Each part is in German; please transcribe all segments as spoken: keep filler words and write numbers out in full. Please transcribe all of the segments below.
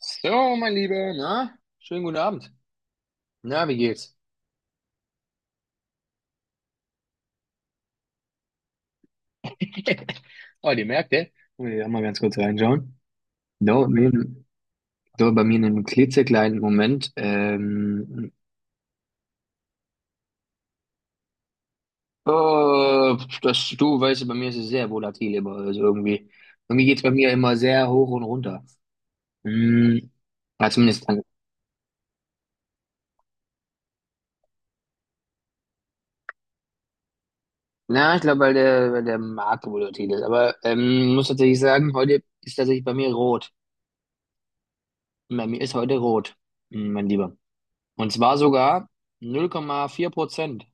So, mein Lieber, na? Schönen guten Abend. Na, wie geht's? Oh, die merkt, ey. Wollen wir da mal ganz kurz reinschauen? Da, mir, Da bei mir in einem klitzekleinen Moment. Ähm, oh, das, du weißt, ja, bei mir ist es sehr volatil immer. Also irgendwie, irgendwie geht's bei mir immer sehr hoch und runter. Hm, ja, zumindest dann. Na, ich glaube, weil der, weil der Markt volatil ist. Aber ähm, muss tatsächlich sagen, heute ist tatsächlich bei mir rot. Bei mir ist heute rot, Hm, Mein Lieber. Und zwar sogar null Komma vier Prozent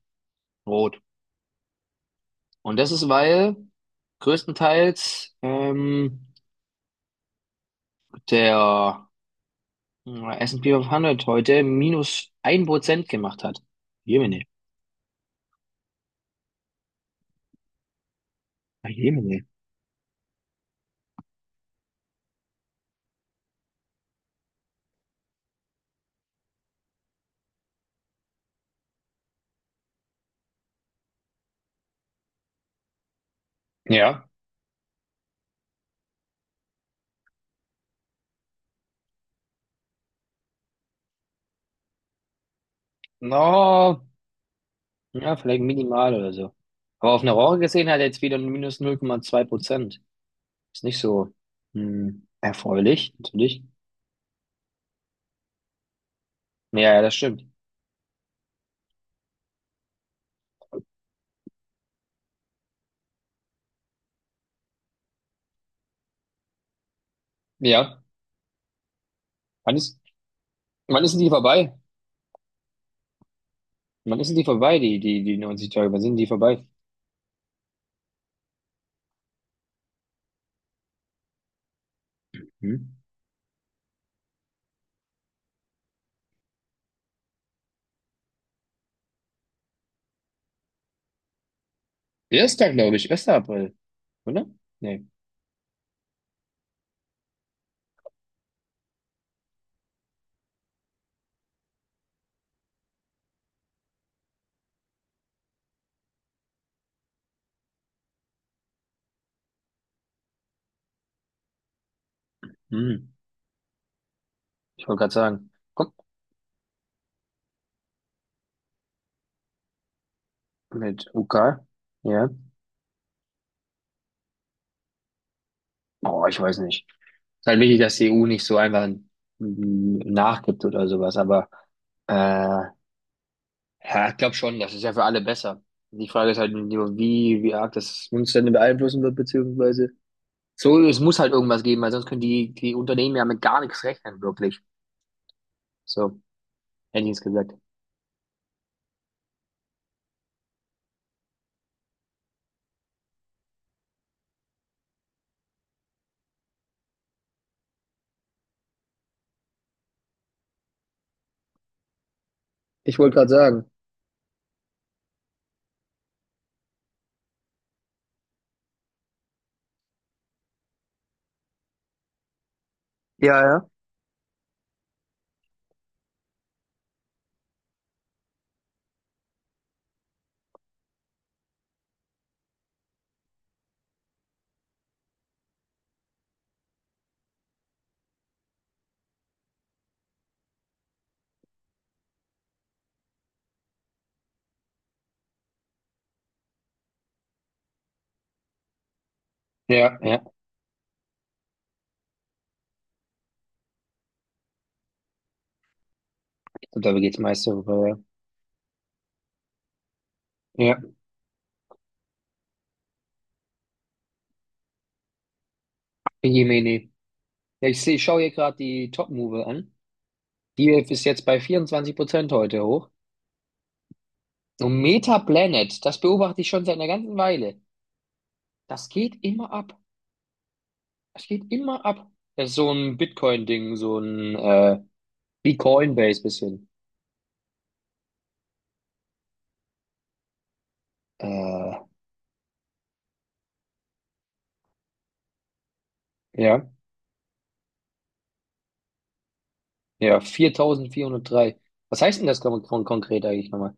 rot. Und das ist, weil größtenteils ähm, der äh, S und P fünfhundert heute minus ein Prozent gemacht hat. Jemine. Ah, Jemine. Ja. No, ja, vielleicht minimal oder so. Aber auf eine Woche gesehen hat er jetzt wieder ein minus null Komma zwei Prozent. Ist nicht so hm, erfreulich, natürlich. Ja, ja, das stimmt. Ja. Wann ist, wann ist denn die vorbei? Wann ist denn die vorbei, die, die, die neunzig Tage? Wann sind die vorbei? Hm? Erster, glaube ich, erster April, oder? Nee. Hm. Ich wollte gerade sagen, guck, mit U K, ja. Oh, ich weiß nicht. Ist halt wichtig, dass die E U nicht so einfach mm, nachgibt oder sowas, aber äh, ja, ich glaube schon, das ist ja für alle besser. Die Frage ist halt nur, wie, wie arg das uns dann beeinflussen wird, beziehungsweise so, es muss halt irgendwas geben, weil sonst können die, die Unternehmen ja mit gar nichts rechnen, wirklich. So, hätte ich es gesagt. Ich wollte gerade sagen, ja, ja. Ja, ja, darüber geht es meist darüber. Ja, ja, Jemine. Ja, ich sehe, ich schaue hier gerade die Top-Move an. Die ist jetzt bei vierundzwanzig Prozent heute hoch. Und Metaplanet, das beobachte ich schon seit einer ganzen Weile. Das geht immer ab. Das geht immer ab. Das ist so ein Bitcoin-Ding, so ein äh, wie Coinbase bisschen. Äh, ja, ja, viertausendvierhundertdrei. Was heißt denn das kon kon konkret eigentlich nochmal?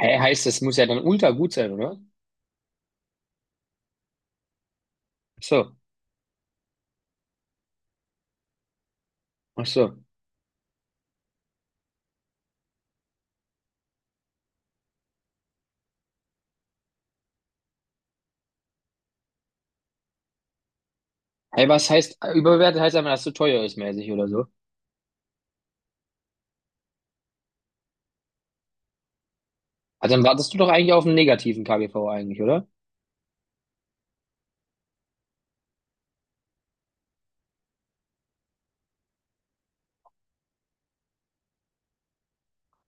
Hä, heißt, das muss ja dann ultra gut sein, oder? Ach so, ach so. Hey, was heißt überbewertet? Heißt einfach, dass es zu teuer ist, mäßig oder so. Also dann wartest du doch eigentlich auf einen negativen K G V eigentlich, oder?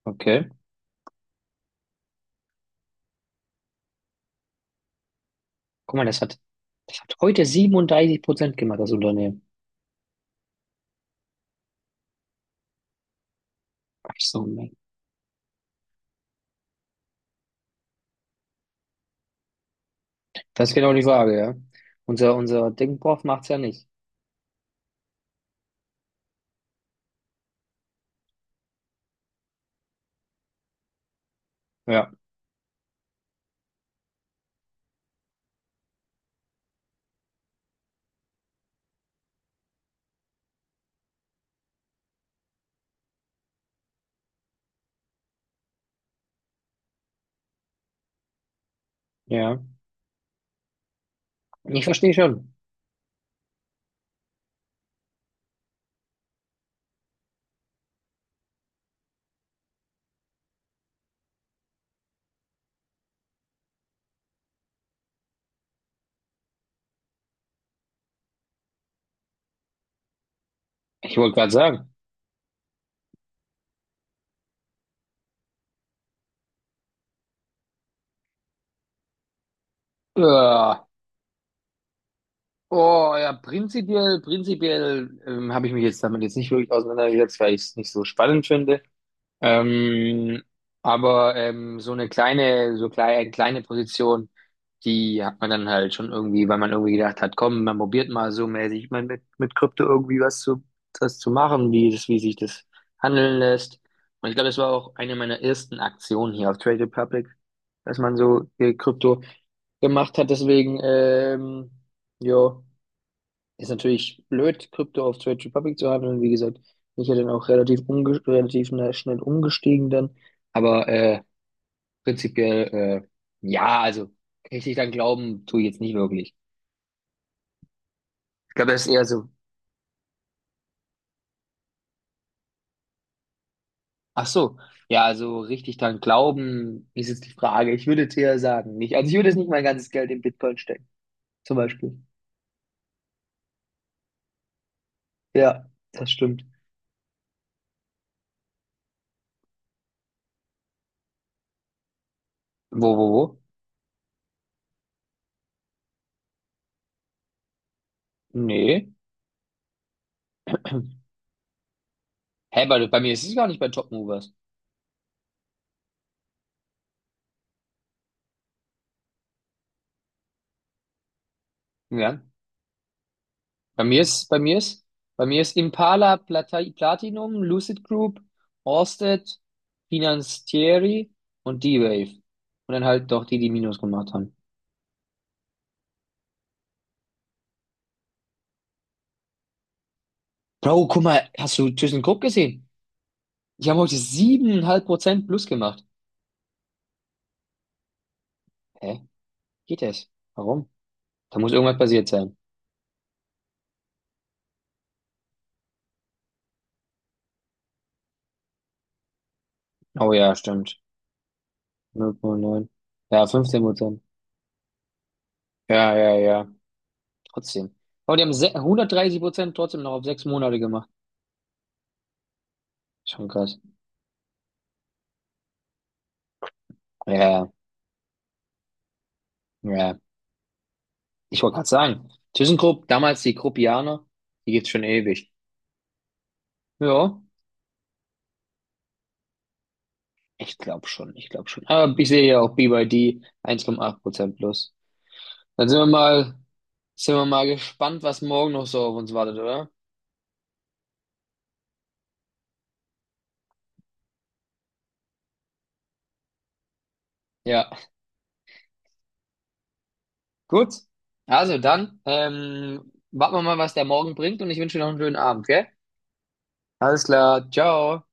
Okay. Guck mal, das hat, das hat heute siebenunddreißig Prozent gemacht, das Unternehmen. Ach so, Mann. Das ist genau die Frage, ja. Unser, unser Dingprof macht's ja nicht. Ja, ja. Ich verstehe schon. Ich wollte gerade sagen. Ja. Oh, ja, prinzipiell, prinzipiell ähm, habe ich mich jetzt damit jetzt nicht wirklich auseinandergesetzt, weil ich es nicht so spannend finde. Ähm, aber ähm, so eine kleine, so kleine, kleine Position, die hat man dann halt schon irgendwie, weil man irgendwie gedacht hat, komm, man probiert mal so mäßig mal mit, mit Krypto irgendwie was zu, was zu machen, wie das, wie sich das handeln lässt. Und ich glaube, das war auch eine meiner ersten Aktionen hier auf Trade Republic, dass man so äh, Krypto gemacht hat. Deswegen, ähm, ja. Ist natürlich blöd, Krypto auf Trade Republic zu handeln. Wie gesagt, bin ich ja dann auch relativ, umge relativ na- schnell umgestiegen dann. Aber äh, prinzipiell, äh, ja, also richtig dran glauben tue ich jetzt nicht wirklich. Ich glaube, das ist eher so, ach so, ja, also richtig dran glauben ist jetzt die Frage. Ich würde jetzt eher sagen, nicht. Also ich würde jetzt nicht mein ganzes Geld in Bitcoin stecken, zum Beispiel. Ja, das stimmt. Wo, wo, wo? Nee. Hä, bei, bei mir ist es gar nicht bei Top Movers. Ja. Bei mir ist, bei mir ist, bei mir ist Impala Plata- Platinum, Lucid Group, Orsted, Financieri und D-Wave. Und dann halt doch die, die Minus gemacht haben. Bro, guck mal, hast du ThyssenKrupp gesehen? Die haben heute siebeneinhalb Prozent plus gemacht. Hä? Geht das? Warum? Da muss irgendwas passiert sein. Oh ja, stimmt. null Komma neun. Ja, fünfzehn Prozent. Ja, ja, ja. Trotzdem. Aber die haben se- hundertdreißig Prozent trotzdem noch auf sechs Monate gemacht. Schon krass. Ja, ja. Ich wollte gerade sagen, ThyssenKrupp, damals die Kruppianer, die gibt's schon ewig. Ja, ich glaube schon, ich glaube schon. Aber ich sehe ja auch B Y D eins Komma acht Prozent plus. Dann sind wir mal, sind wir mal gespannt, was morgen noch so auf uns wartet, oder? Ja, gut. Also dann, ähm, warten wir mal, was der morgen bringt und ich wünsche dir noch einen schönen Abend, gell? Alles klar, ciao.